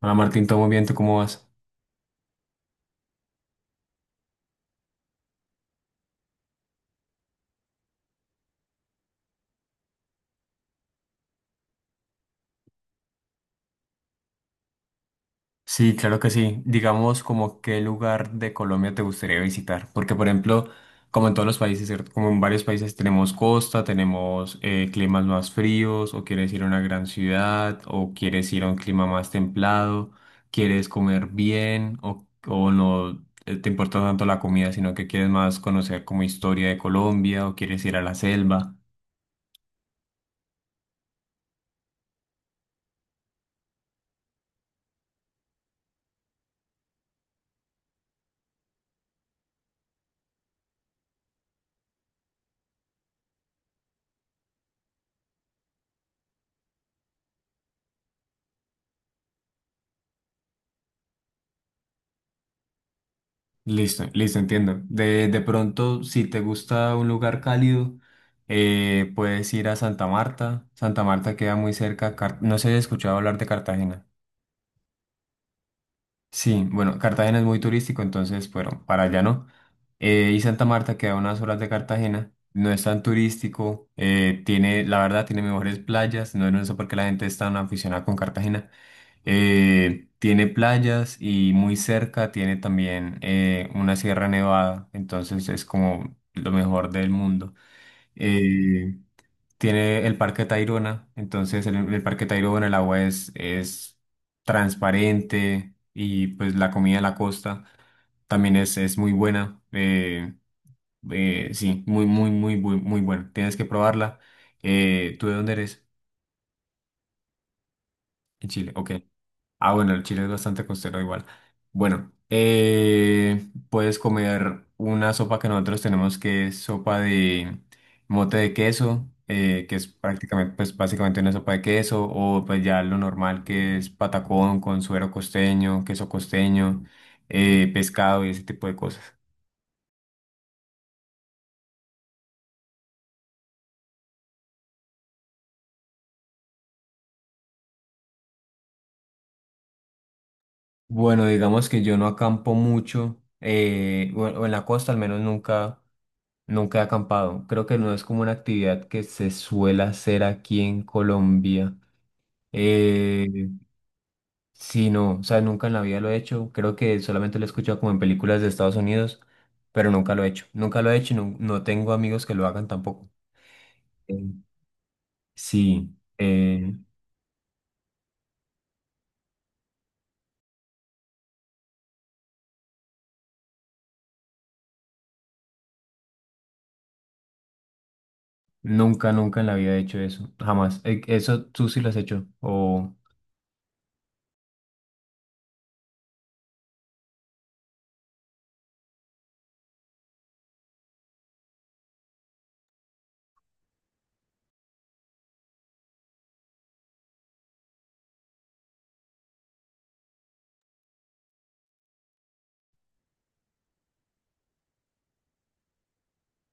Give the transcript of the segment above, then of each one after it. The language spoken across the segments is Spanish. Hola Martín, todo muy bien, ¿tú cómo vas? Sí, claro que sí. Digamos, como qué lugar de Colombia te gustaría visitar. Porque, por ejemplo, como en todos los países, ¿cierto? Como en varios países tenemos costa, tenemos climas más fríos, o quieres ir a una gran ciudad, o quieres ir a un clima más templado, quieres comer bien, o no, te importa tanto la comida, sino que quieres más conocer como historia de Colombia, o quieres ir a la selva. Listo, listo, entiendo. De pronto, si te gusta un lugar cálido, puedes ir a Santa Marta. Santa Marta queda muy cerca. No sé si has escuchado hablar de Cartagena. Sí, bueno, Cartagena es muy turístico, entonces, bueno, para allá no. Y Santa Marta queda a unas horas de Cartagena. No es tan turístico. Tiene, la verdad, tiene mejores playas. No, no sé por qué la gente es tan aficionada con Cartagena. Tiene playas y muy cerca tiene también una sierra nevada, entonces es como lo mejor del mundo. Eh, Tiene el Parque Tayrona, entonces en el Parque Tayrona el agua es transparente y pues la comida de la costa también es muy buena. Sí, muy, muy, muy, muy, muy buena. Tienes que probarla. ¿Tú de dónde eres? En Chile, ok. Ah, bueno, el Chile es bastante costero igual. Bueno, puedes comer una sopa que nosotros tenemos que es sopa de mote de queso, que es prácticamente, pues básicamente una sopa de queso, o pues ya lo normal que es patacón con suero costeño, queso costeño, pescado y ese tipo de cosas. Bueno, digamos que yo no acampo mucho, o en la costa al menos nunca, nunca he acampado. Creo que no es como una actividad que se suele hacer aquí en Colombia. Eh, sí, no, o sea, nunca en la vida lo he hecho. Creo que solamente lo he escuchado como en películas de Estados Unidos, pero nunca lo he hecho. Nunca lo he hecho y no, no tengo amigos que lo hagan tampoco. Eh, sí, nunca, nunca en la vida he hecho eso, jamás. Eso tú sí lo has hecho, o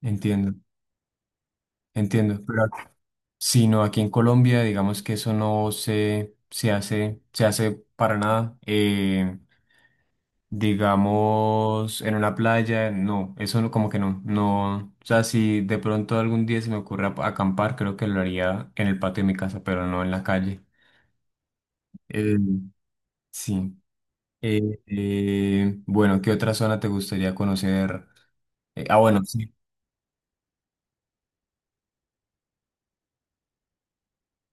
entiendo. Entiendo. Sino aquí en Colombia, digamos que eso no se hace, se hace para nada. Digamos, en una playa, no, eso como que no, no. O sea, si de pronto algún día se me ocurre acampar, creo que lo haría en el patio de mi casa, pero no en la calle. Eh, sí. Eh, bueno, ¿qué otra zona te gustaría conocer? Ah, bueno, sí.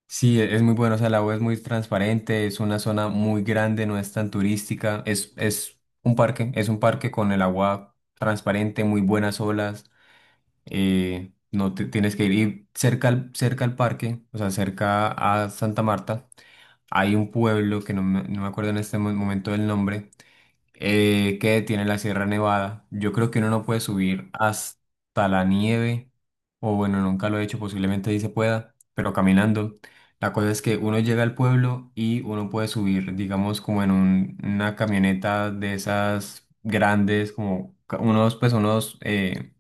Sí, es muy bueno, o sea, la U es muy transparente, es una zona muy grande, no es tan turística, es un parque, es un parque con el agua transparente, muy buenas olas, no te tienes que ir y cerca al parque, o sea, cerca a Santa Marta, hay un pueblo que no me acuerdo en este momento del nombre, que tiene la Sierra Nevada. Yo creo que uno no puede subir hasta la nieve, o bueno, nunca lo he hecho, posiblemente sí se pueda, pero caminando. La cosa es que uno llega al pueblo y uno puede subir, digamos, como en una camioneta de esas grandes, como unos,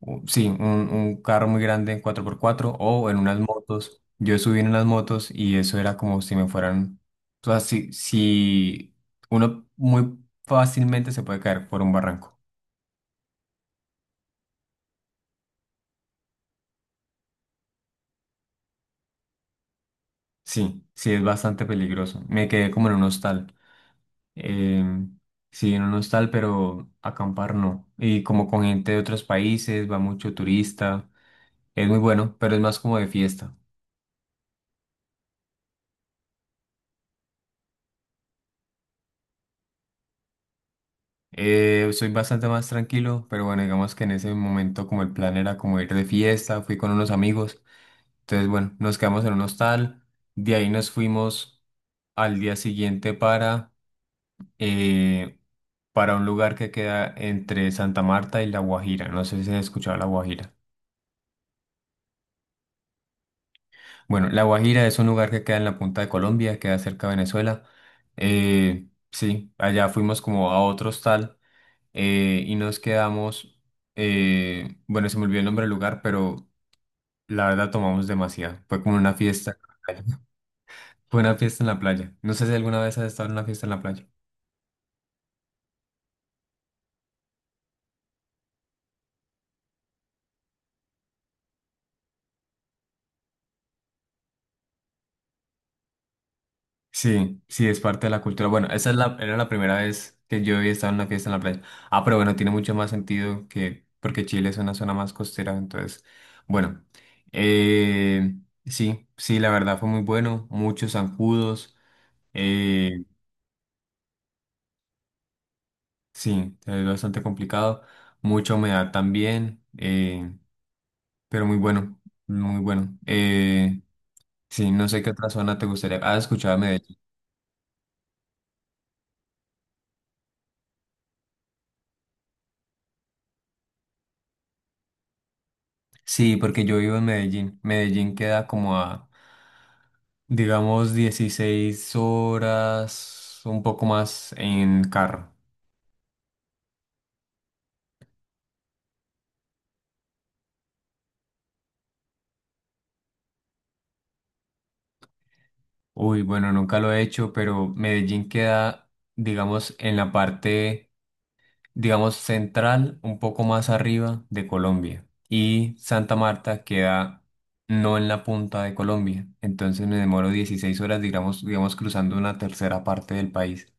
sí, un carro muy grande en 4x4 o en unas motos. Yo subí en unas motos y eso era como si me fueran, o sea, si uno muy fácilmente se puede caer por un barranco. Sí, sí, es bastante peligroso. Me quedé como en un hostal. Em, sí, en un hostal, pero acampar no. Y como con gente de otros países, va mucho turista. Es muy bueno, pero es más como de fiesta. Soy bastante más tranquilo, pero bueno, digamos que en ese momento como el plan era como ir de fiesta, fui con unos amigos, entonces bueno, nos quedamos en un hostal, de ahí nos fuimos al día siguiente eh, para un lugar que queda entre Santa Marta y La Guajira, no sé si has escuchado La Guajira. Bueno, La Guajira es un lugar que queda en la punta de Colombia, queda cerca de Venezuela, sí, allá fuimos como a otro hostal y nos quedamos, bueno, se me olvidó el nombre del lugar, pero la verdad tomamos demasiado. Fue como una fiesta, fue una fiesta en la playa. No sé si alguna vez has estado en una fiesta en la playa. Sí, sí, es parte de la cultura. Bueno, esa es la, era la primera vez que yo había estado en una fiesta en la playa. Ah, pero bueno, tiene mucho más sentido que, porque Chile es una zona más costera, entonces, bueno, eh, sí, sí, la verdad fue muy bueno, muchos zancudos. eh, Sí, es bastante complicado, mucha humedad también, pero muy bueno, muy bueno. Sí, no sé qué otra zona te gustaría. Ah, escuchaba Medellín. Sí, porque yo vivo en Medellín. Medellín queda como a, digamos, 16 horas, un poco más en carro. Uy, bueno, nunca lo he hecho, pero Medellín queda, digamos, en la parte digamos, central, un poco más arriba de Colombia. Y Santa Marta queda no en la punta de Colombia. Entonces me demoro 16 horas, digamos, cruzando una tercera parte del país.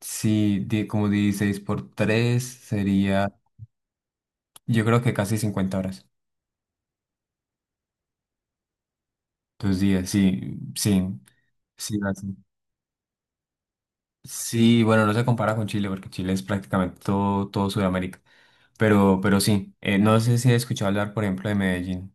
Sí, como 16 por 3 sería, yo creo que casi 50 horas. 2 días, sí, sí, sí, así. Sí, bueno, no se compara con Chile porque Chile es prácticamente todo, todo Sudamérica. Pero sí, no sé si he escuchado hablar, por ejemplo, de Medellín.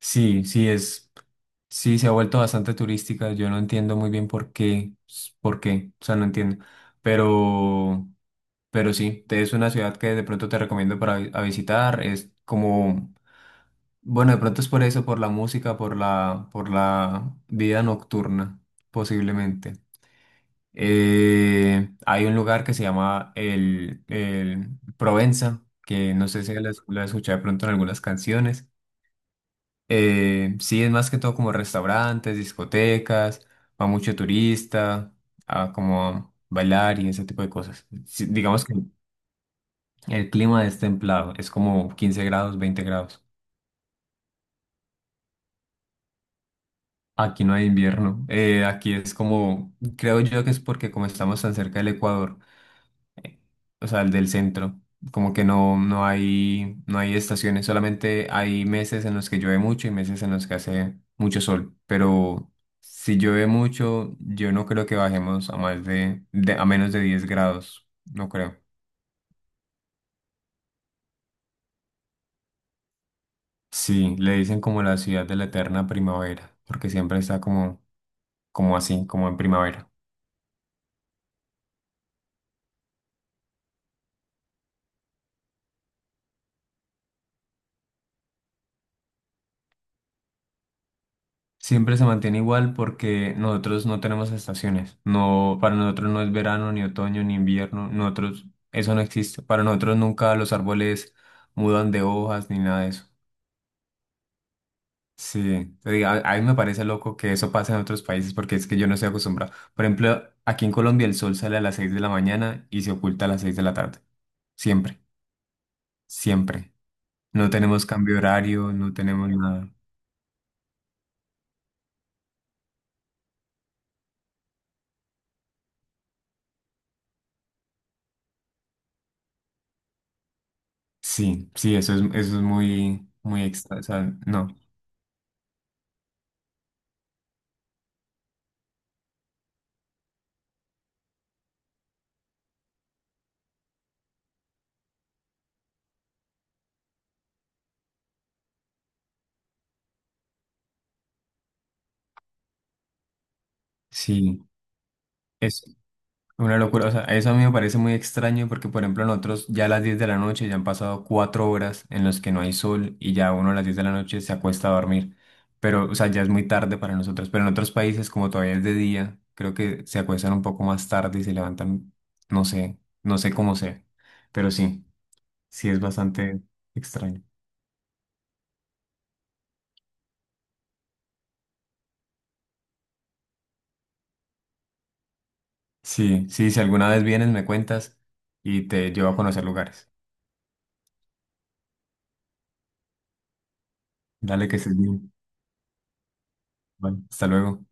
Sí, sí se ha vuelto bastante turística. Yo no entiendo muy bien por qué, o sea, no entiendo. Pero, pero sí, es una ciudad que de pronto te recomiendo para a visitar. Es como, bueno, de pronto es por eso, por la música, por la vida nocturna, posiblemente. Hay un lugar que se llama el Provenza, que no sé si lo has escuchado de pronto en algunas canciones. Sí, es más que todo como restaurantes, discotecas, va mucho turista, a como a bailar y ese tipo de cosas. Sí, digamos que el clima es templado, es como 15 grados, 20 grados. Aquí no hay invierno, aquí es como, creo yo que es porque como estamos tan cerca del Ecuador, o sea, el del centro. Como que no hay estaciones, solamente hay meses en los que llueve mucho y meses en los que hace mucho sol. Pero si llueve mucho, yo no creo que bajemos a más de, a menos de 10 grados, no creo. Sí, le dicen como la ciudad de la eterna primavera, porque siempre está como, como así, como en primavera. Siempre se mantiene igual porque nosotros no tenemos estaciones. No, para nosotros no es verano, ni otoño, ni invierno. Nosotros, eso no existe. Para nosotros nunca los árboles mudan de hojas ni nada de eso. Sí, te digo, a mí me parece loco que eso pase en otros países porque es que yo no estoy acostumbrado. Por ejemplo, aquí en Colombia el sol sale a las 6 de la mañana y se oculta a las 6 de la tarde. Siempre, siempre. No tenemos cambio de horario, no tenemos nada. Sí, sí, eso es muy, muy extra, o sea, no, sí. Es una locura, o sea, eso a mí me parece muy extraño porque, por ejemplo, nosotros ya a las 10 de la noche ya han pasado 4 horas en las que no hay sol y ya uno a las 10 de la noche se acuesta a dormir, pero, o sea, ya es muy tarde para nosotros, pero en otros países como todavía es de día, creo que se acuestan un poco más tarde y se levantan, no sé, no sé cómo sea, pero sí, sí es bastante extraño. Sí, sí, si alguna vez vienes me cuentas y te llevo a conocer lugares. Dale que estés bien. Vale, hasta luego.